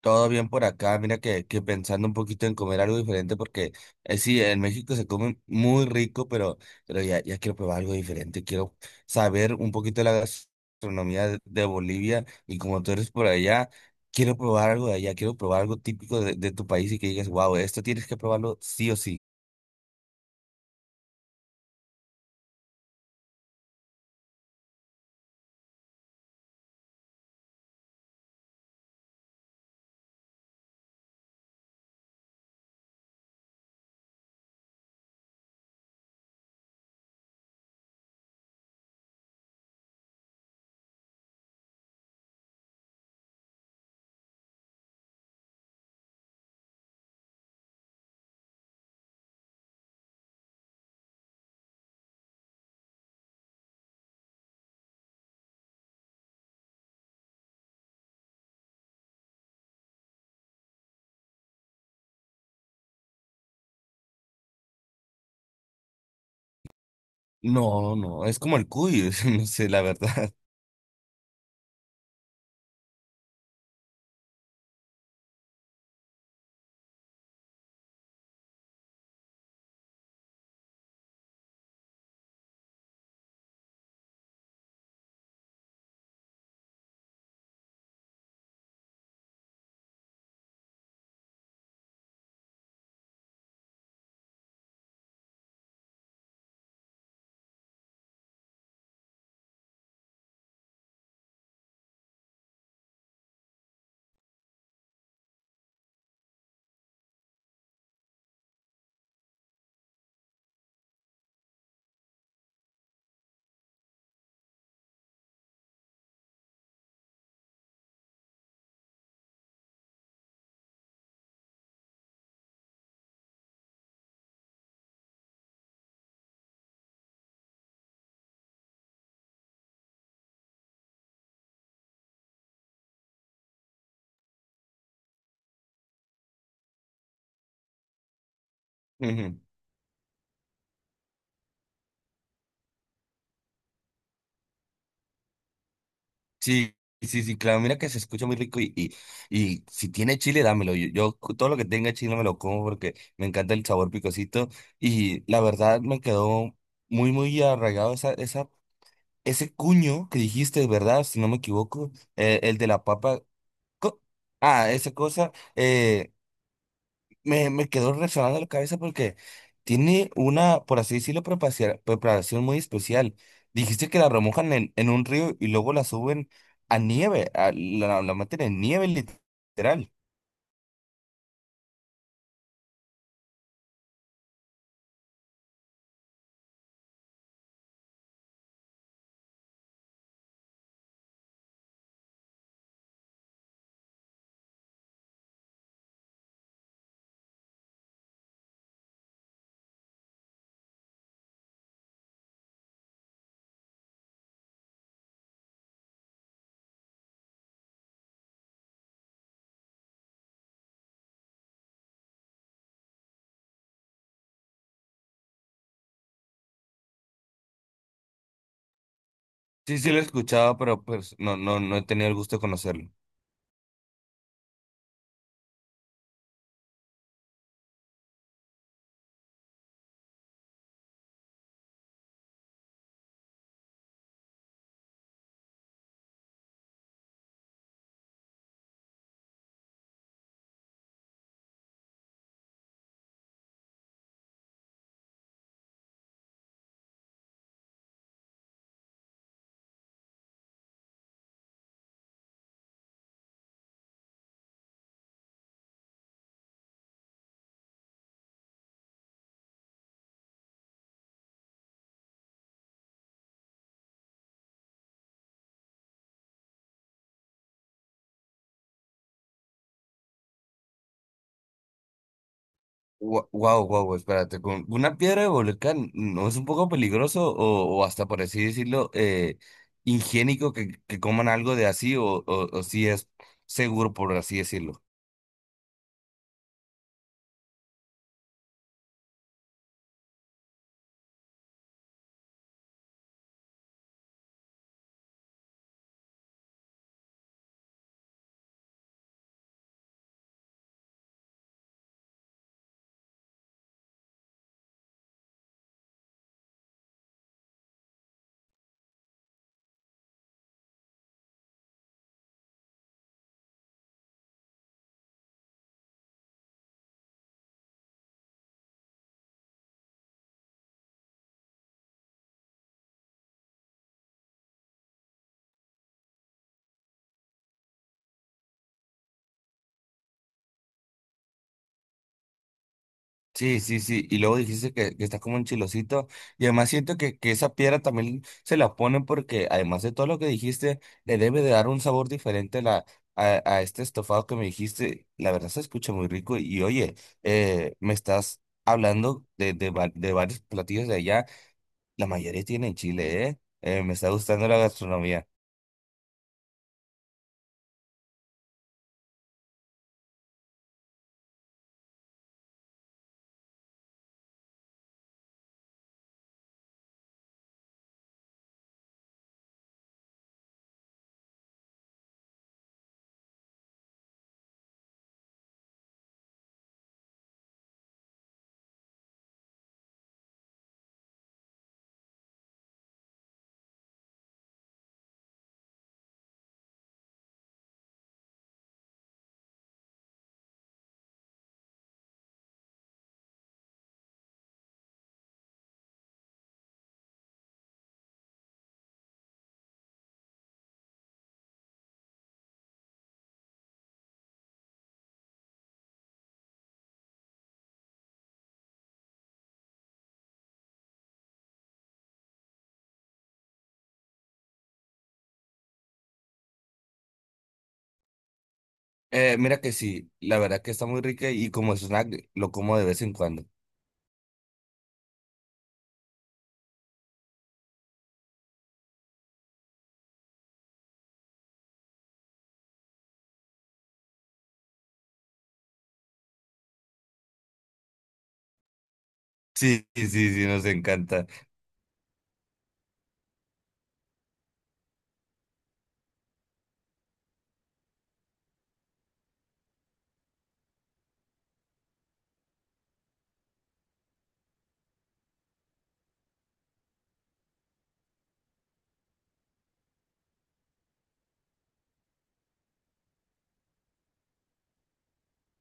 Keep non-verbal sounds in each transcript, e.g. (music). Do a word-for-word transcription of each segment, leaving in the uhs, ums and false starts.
Todo bien por acá, mira que, que pensando un poquito en comer algo diferente porque eh, sí, en México se come muy rico, pero, pero ya, ya quiero probar algo diferente, quiero saber un poquito de la gastronomía de, de Bolivia, y como tú eres por allá, quiero probar algo de allá, quiero probar algo típico de, de tu país y que digas, wow, esto tienes que probarlo sí o sí. No, no, es como el cuy, (laughs) no sé, la verdad. (laughs) Ujú. Sí, sí, sí, claro, mira que se escucha muy rico y, y, y si tiene chile, dámelo. Yo, yo cu- todo lo que tenga chile me lo como porque me encanta el sabor picosito, y la verdad me quedó muy, muy arraigado esa, esa, ese cuño que dijiste, ¿verdad? Si no me equivoco, eh, el de la papa. co- Ah, esa cosa. eh, me, me quedó resonando la cabeza porque tiene una, por así decirlo, prepacia- preparación muy especial. Dijiste que la remojan en, en un río y luego la suben a nieve, a- la, la meten en nieve literal. Sí, sí lo he escuchado, pero pues no, no, no he tenido el gusto de conocerlo. Wow, wow, espérate, con una piedra de volcán, ¿no es un poco peligroso o, o hasta por así decirlo, eh, higiénico que, que coman algo de así? O, o, o si es seguro, por así decirlo. Sí, sí, sí. Y luego dijiste que, que está como un chilosito. Y además siento que, que esa piedra también se la ponen porque, además de todo lo que dijiste, le debe de dar un sabor diferente a, la, a, a este estofado que me dijiste. La verdad se escucha muy rico. Y oye, eh, me estás hablando de, de, va- de varios platillos de allá. La mayoría tienen chile, ¿eh? Eh, me está gustando la gastronomía. Eh, mira que sí, la verdad que está muy rica, y como snack lo como de vez en cuando. Sí, sí, sí, nos encanta.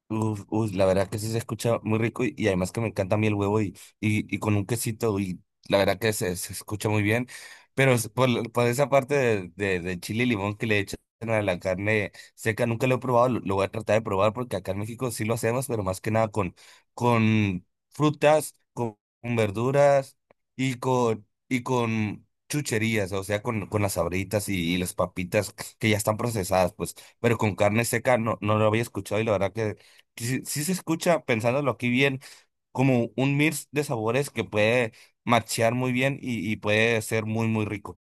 Uf, uf, la verdad que sí se escucha muy rico, y, y además que me encanta a mí el huevo y, y, y con un quesito, y la verdad que se, se escucha muy bien, pero es por, la- por esa parte de, de, de chile y limón que le echan a la carne seca. Nunca lo he probado, lo, lo voy a tratar de probar porque acá en México sí lo hacemos, pero más que nada con, con frutas, con, con verduras, y con, y con chucherías, o sea, con, con las sabritas y, y las papitas, que ya están procesadas, pues, pero con carne seca no, no lo había escuchado, y la verdad que sí, sí se escucha, pensándolo aquí bien, como un mix de sabores que puede machear muy bien y, y puede ser muy, muy rico.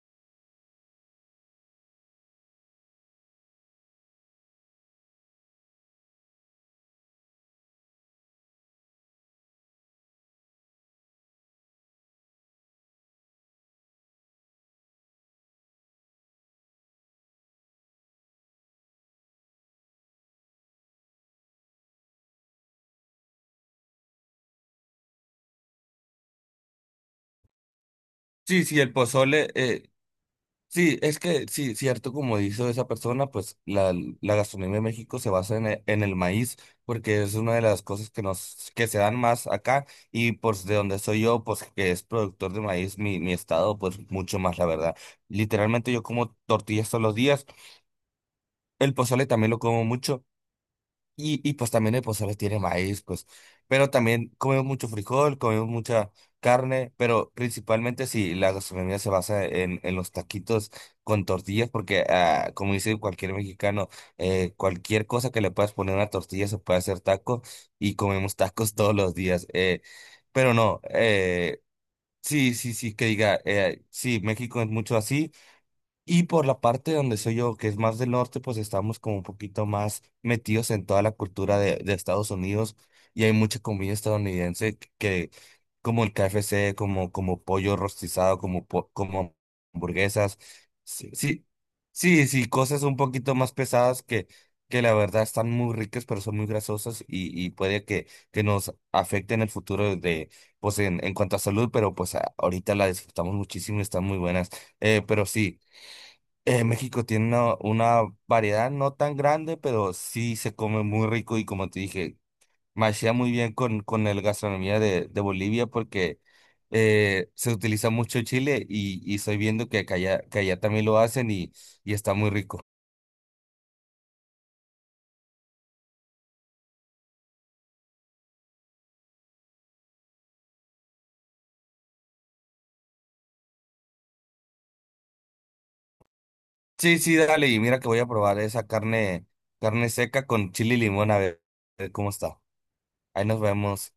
Sí, sí, el pozole, eh, sí, es que sí, cierto, como dijo esa persona, pues la, la gastronomía de México se basa en e- en el maíz, porque es una de las cosas que nos, que se dan más acá, y pues de donde soy yo, pues que es productor de maíz, mi, mi estado, pues mucho más, la verdad. Literalmente yo como tortillas todos los días, el pozole también lo como mucho. Y, y pues también el pozole tiene maíz, pues. Pero también comemos mucho frijol, comemos mucha carne, pero principalmente, si la gastronomía se basa en, en los taquitos con tortillas, porque ah, como dice cualquier mexicano, eh, cualquier cosa que le puedas poner a una tortilla se puede hacer taco, y comemos tacos (laughs) todos los días. Eh, pero no, eh, sí, sí, sí, que diga, eh, sí, México es mucho así. Y por la parte donde soy yo, que es más del norte, pues estamos como un poquito más metidos en toda la cultura de, de Estados Unidos, y hay mucha comida estadounidense que, que- como el K F C, como, como pollo rostizado, como, po- como hamburguesas, sí, sí, sí, sí, cosas un poquito más pesadas que, que la verdad están muy ricas, pero son muy grasosas y, y puede que, que nos afecten el futuro de, pues en, en cuanto a salud, pero pues a- ahorita la disfrutamos muchísimo y están muy buenas. Eh, pero sí. Eh, México tiene una, una variedad no tan grande, pero sí se come muy rico, y como te dije, machea muy bien con, con la gastronomía de, de Bolivia, porque eh, se utiliza mucho chile, y, y estoy viendo que, que allá, que allá también lo hacen, y, y está muy rico. Sí, sí, dale, y mira que voy a probar esa carne, carne seca con chile y limón, a ver, a ver cómo está. Ahí nos vemos.